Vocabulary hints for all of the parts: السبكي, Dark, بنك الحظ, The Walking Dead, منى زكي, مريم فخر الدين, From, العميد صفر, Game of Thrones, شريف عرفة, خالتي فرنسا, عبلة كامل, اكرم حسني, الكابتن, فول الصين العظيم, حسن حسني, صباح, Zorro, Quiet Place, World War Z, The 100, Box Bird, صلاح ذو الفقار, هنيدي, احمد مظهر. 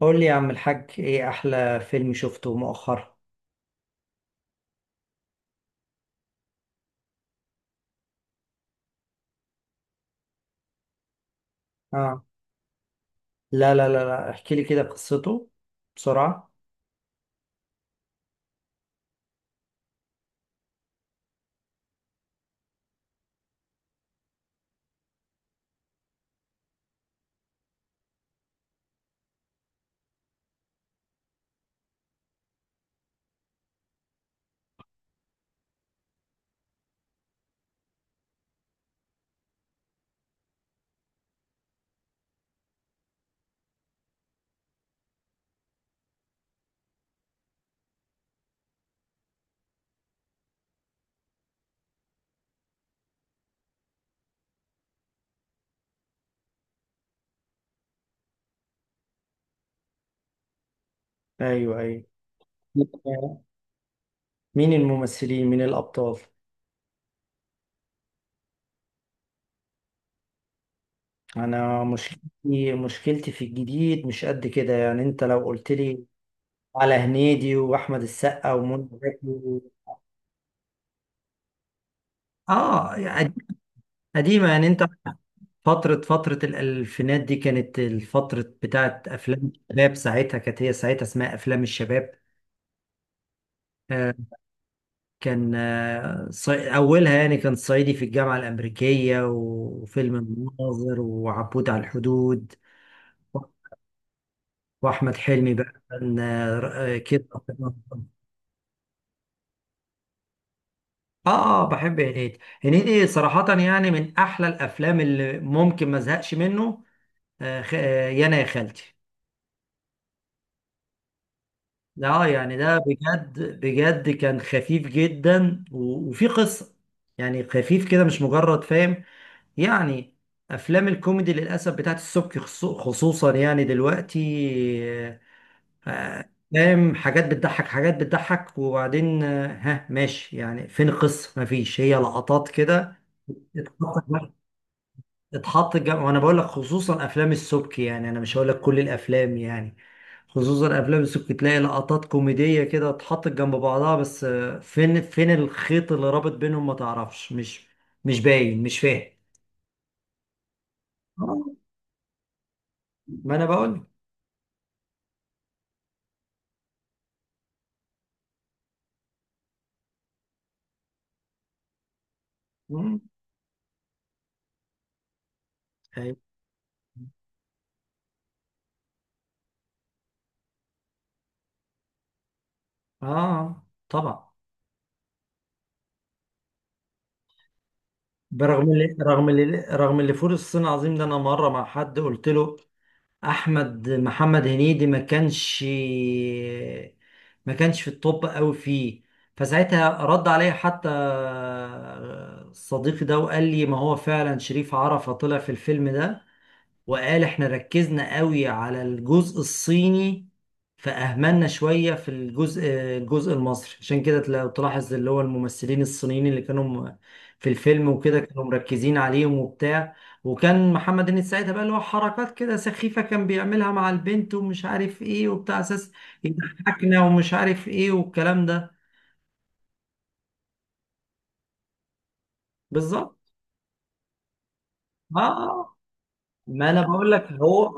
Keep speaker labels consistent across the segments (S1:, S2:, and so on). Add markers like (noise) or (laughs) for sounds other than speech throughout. S1: قول لي يا عم الحاج، ايه احلى فيلم شفته مؤخرا؟ اه، لا لا لا لا، احكي لي كده قصته بسرعة. ايوه، ايوه. مين الممثلين، مين الابطال؟ انا مشكلتي في الجديد مش قد كده، يعني انت لو قلت لي على هنيدي واحمد السقا ومنى زكي و... اه يعني، قديمة يعني انت. فترة الألفينات دي كانت الفترة بتاعت أفلام الشباب، ساعتها كانت، هي ساعتها اسمها أفلام الشباب. آه، كان أولها يعني كان صعيدي في الجامعة الأمريكية وفيلم المناظر وعبود على الحدود. وأحمد حلمي بقى كان كده. آه بحب هنيدي، هنيدي صراحة يعني من أحلى الأفلام اللي ممكن ما أزهقش منه. آه، خ... آه، يانا يا خالتي. اه يعني، ده بجد بجد كان خفيف جدا و... وفي قصة، يعني خفيف كده مش مجرد، فاهم يعني. افلام الكوميدي للاسف بتاعت السبكي خصوصا يعني دلوقتي، فاهم، حاجات بتضحك، حاجات بتضحك، وبعدين ها ماشي، يعني فين القصه؟ مفيش، هي لقطات كده اتحط، وانا بقول لك خصوصا افلام السبكي، يعني انا مش هقول لك كل الافلام يعني. خصوصا افلام السبكي تلاقي لقطات كوميديه كده اتحطت جنب بعضها، بس فين الخيط اللي رابط بينهم، ما تعرفش. مش باين، مش فاهم. آه، ما انا بقول. مم. أيوة. اه طبعا. برغم اللي فول الصين العظيم ده، انا مره مع حد قلت له احمد، محمد هنيدي ما كانش في التوب قوي فيه. فساعتها رد عليا حتى صديقي ده، وقال لي: ما هو فعلا شريف عرفة طلع في الفيلم ده، وقال احنا ركزنا قوي على الجزء الصيني، فأهملنا شوية في الجزء المصري. عشان كده لو تلاحظ، اللي هو الممثلين الصينيين اللي كانوا في الفيلم وكده كانوا مركزين عليهم وبتاع. وكان محمد هنيدي ساعتها بقى، اللي هو حركات كده سخيفة كان بيعملها مع البنت ومش عارف ايه وبتاع، اساس يضحكنا، ومش عارف ايه والكلام ده. بالظبط. اه. ما انا بقول لك هو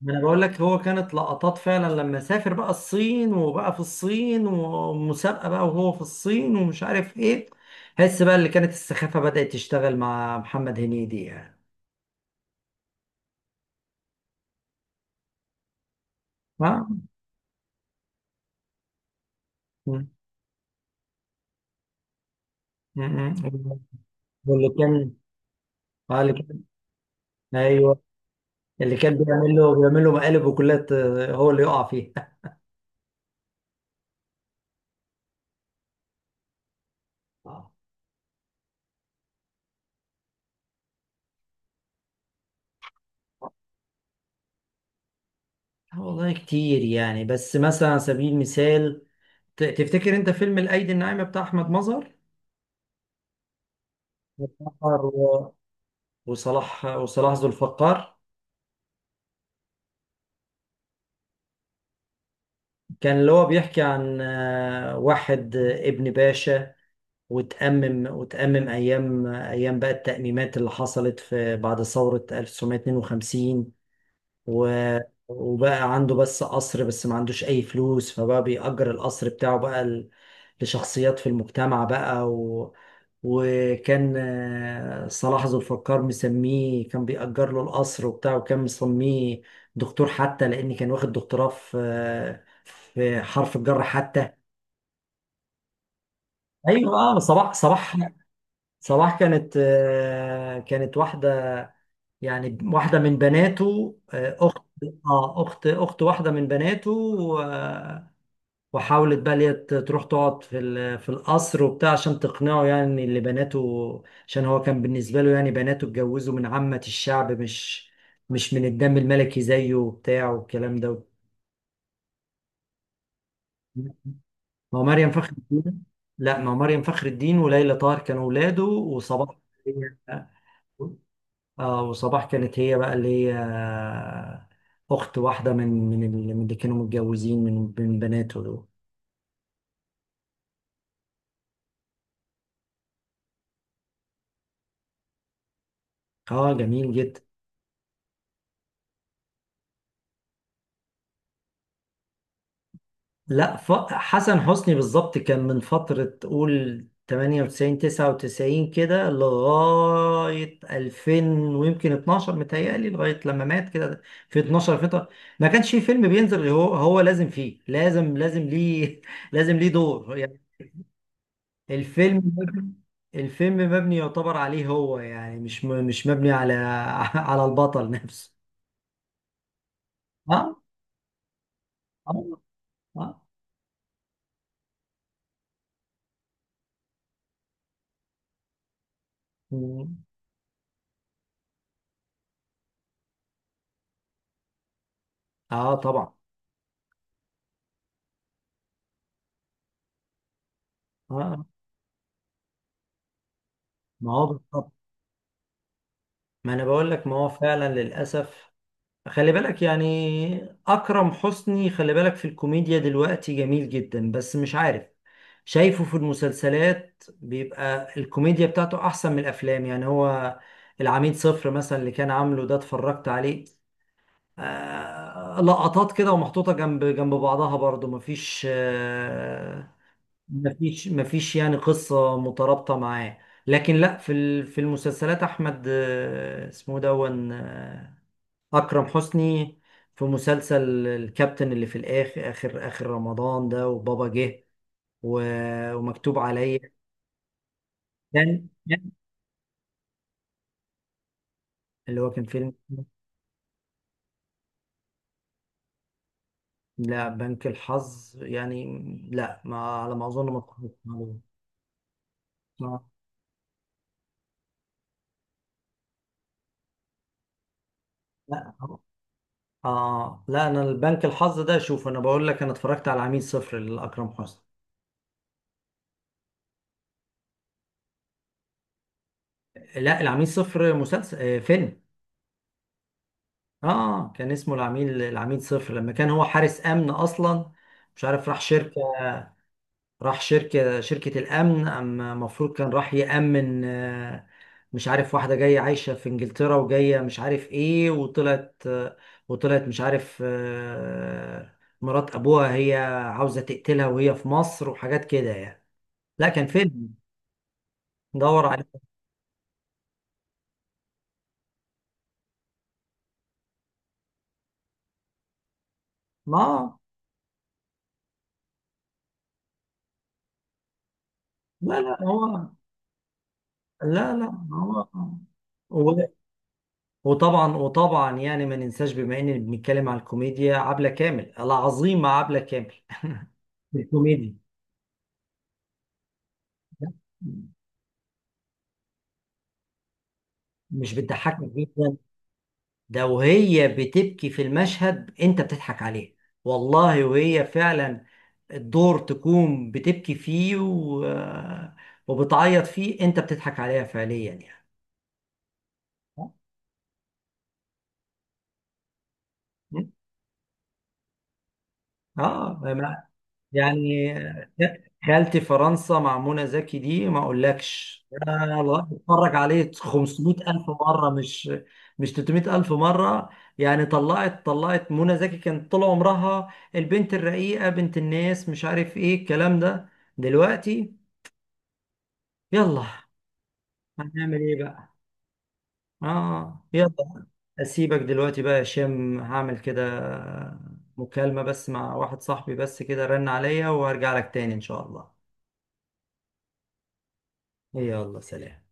S1: ما انا بقول لك هو كانت لقطات فعلا، لما سافر بقى الصين، وبقى في الصين ومسابقة بقى وهو في الصين ومش عارف ايه، حس بقى اللي كانت السخافة بدأت تشتغل مع محمد هنيدي يعني. ها. م- م- م. واللي كان، اللي كان، ايوه، اللي كان بيعمل له مقالب وكلات، هو اللي يقع فيها. آه، والله كتير يعني، بس مثلا على سبيل المثال، تفتكر انت فيلم الايدي الناعمة بتاع احمد مظهر؟ (laughs) وصلاح ذو الفقار. كان اللي هو بيحكي عن واحد ابن باشا، وتأمم أيام، بقى التأميمات اللي حصلت في بعد ثورة 1952. و... وبقى عنده بس قصر، بس ما عندوش أي فلوس، فبقى بيأجر القصر بتاعه بقى لشخصيات في المجتمع بقى و... وكان صلاح ذو الفقار مسميه، كان بيأجر له القصر وبتاع، وكان مسميه دكتور حتى، لأن كان واخد دكتوراه في في حرف الجر حتى. ايوه، اه، صباح. صباح كانت كانت واحدة، يعني واحدة من بناته، آه، أخت اه، أخت واحدة من بناته. وحاولت بقى اللي هي تروح تقعد في في القصر وبتاع، عشان تقنعه يعني ان اللي بناته، عشان هو كان بالنسبه له يعني بناته اتجوزوا من عامه الشعب، مش من الدم الملكي زيه وبتاع والكلام ده. ما هو مريم فخر الدين. لا، ما هو مريم فخر الدين وليلى طاهر كانوا ولاده، وصباح هي- اه، وصباح كانت هي بقى اللي هي اخت واحده من من من اللي كانوا متجوزين من بناته دول. اه جميل جدا. لا، حسن حسني بالظبط كان من فترة تقول 98، 99 كده لغاية 2000، ويمكن 12، متهيألي لغاية لما مات كده، في 12 فترة ما كانش فيه فيلم بينزل غير هو، لازم فيه، لازم ليه (laughs) لازم ليه دور يعني. الفيلم مبني- الفيلم مبني يعتبر عليه هو، يعني مش مش مبني على (laughs) على البطل نفسه. اه، اه، اه. مم. اه طبعا. اه. ما هو بالظبط. ما انا بقول لك، ما هو فعلا للاسف. خلي بالك يعني اكرم حسني، خلي بالك في الكوميديا دلوقتي جميل جدا، بس مش عارف، شايفه في المسلسلات بيبقى الكوميديا بتاعته احسن من الافلام يعني. هو العميد صفر مثلا اللي كان عامله ده، اتفرجت عليه؟ لقطات كده ومحطوطة جنب جنب بعضها، برضو مفيش مفيش يعني قصة مترابطة معاه. لكن لا، في في المسلسلات أحمد، اسمه دون، أكرم حسني، في مسلسل الكابتن اللي في الآخر، آخر آخر رمضان ده، وبابا جه، ومكتوب عليا. كان كان- اللي هو كان فيلم. لا بنك الحظ يعني، لا، ما على ما أظن ما اتفرجتش عليه. آه، لا. لا، أنا البنك الحظ ده، شوف أنا بقول لك، أنا اتفرجت على عميل صفر لأكرم حسني. لا، العميل صفر مسلسل، فيلم. اه كان اسمه العميل، صفر، لما كان هو حارس امن اصلا، مش عارف راح شركه، شركه الامن، اما المفروض كان راح يامن مش عارف، واحده جايه عايشه في انجلترا وجايه، مش عارف ايه، وطلعت وطلعت مش عارف مرات ابوها، هي عاوزه تقتلها وهي في مصر وحاجات كده يعني. لا كان فيلم، دور عليه. ما، لا لا هو لا لا هو. وطبعا يعني ما ننساش، بما اننا بنتكلم على الكوميديا، عبلة كامل، العظيمة عبلة كامل. (laughs) الكوميديا. مش بتضحكك جدا؟ ده وهي بتبكي في المشهد انت بتضحك عليها، والله. وهي فعلا الدور تكون بتبكي فيه و... وبتعيط فيه، انت بتضحك عليها فعليا يعني. اه يعني. خالتي فرنسا مع منى زكي دي، ما اقولكش، يا الله، اتفرج عليه 500 الف مره، مش مش 300 الف مره. يعني طلعت منى زكي كانت طول عمرها البنت الرقيقه، بنت الناس مش عارف ايه الكلام ده. دلوقتي يلا، هنعمل ايه بقى. اه يلا. اسيبك دلوقتي بقى يا هشام، هعمل كده مكالمه بس مع واحد صاحبي، بس كده رن عليا، وهرجع لك تاني ان شاء الله. يلا سلام.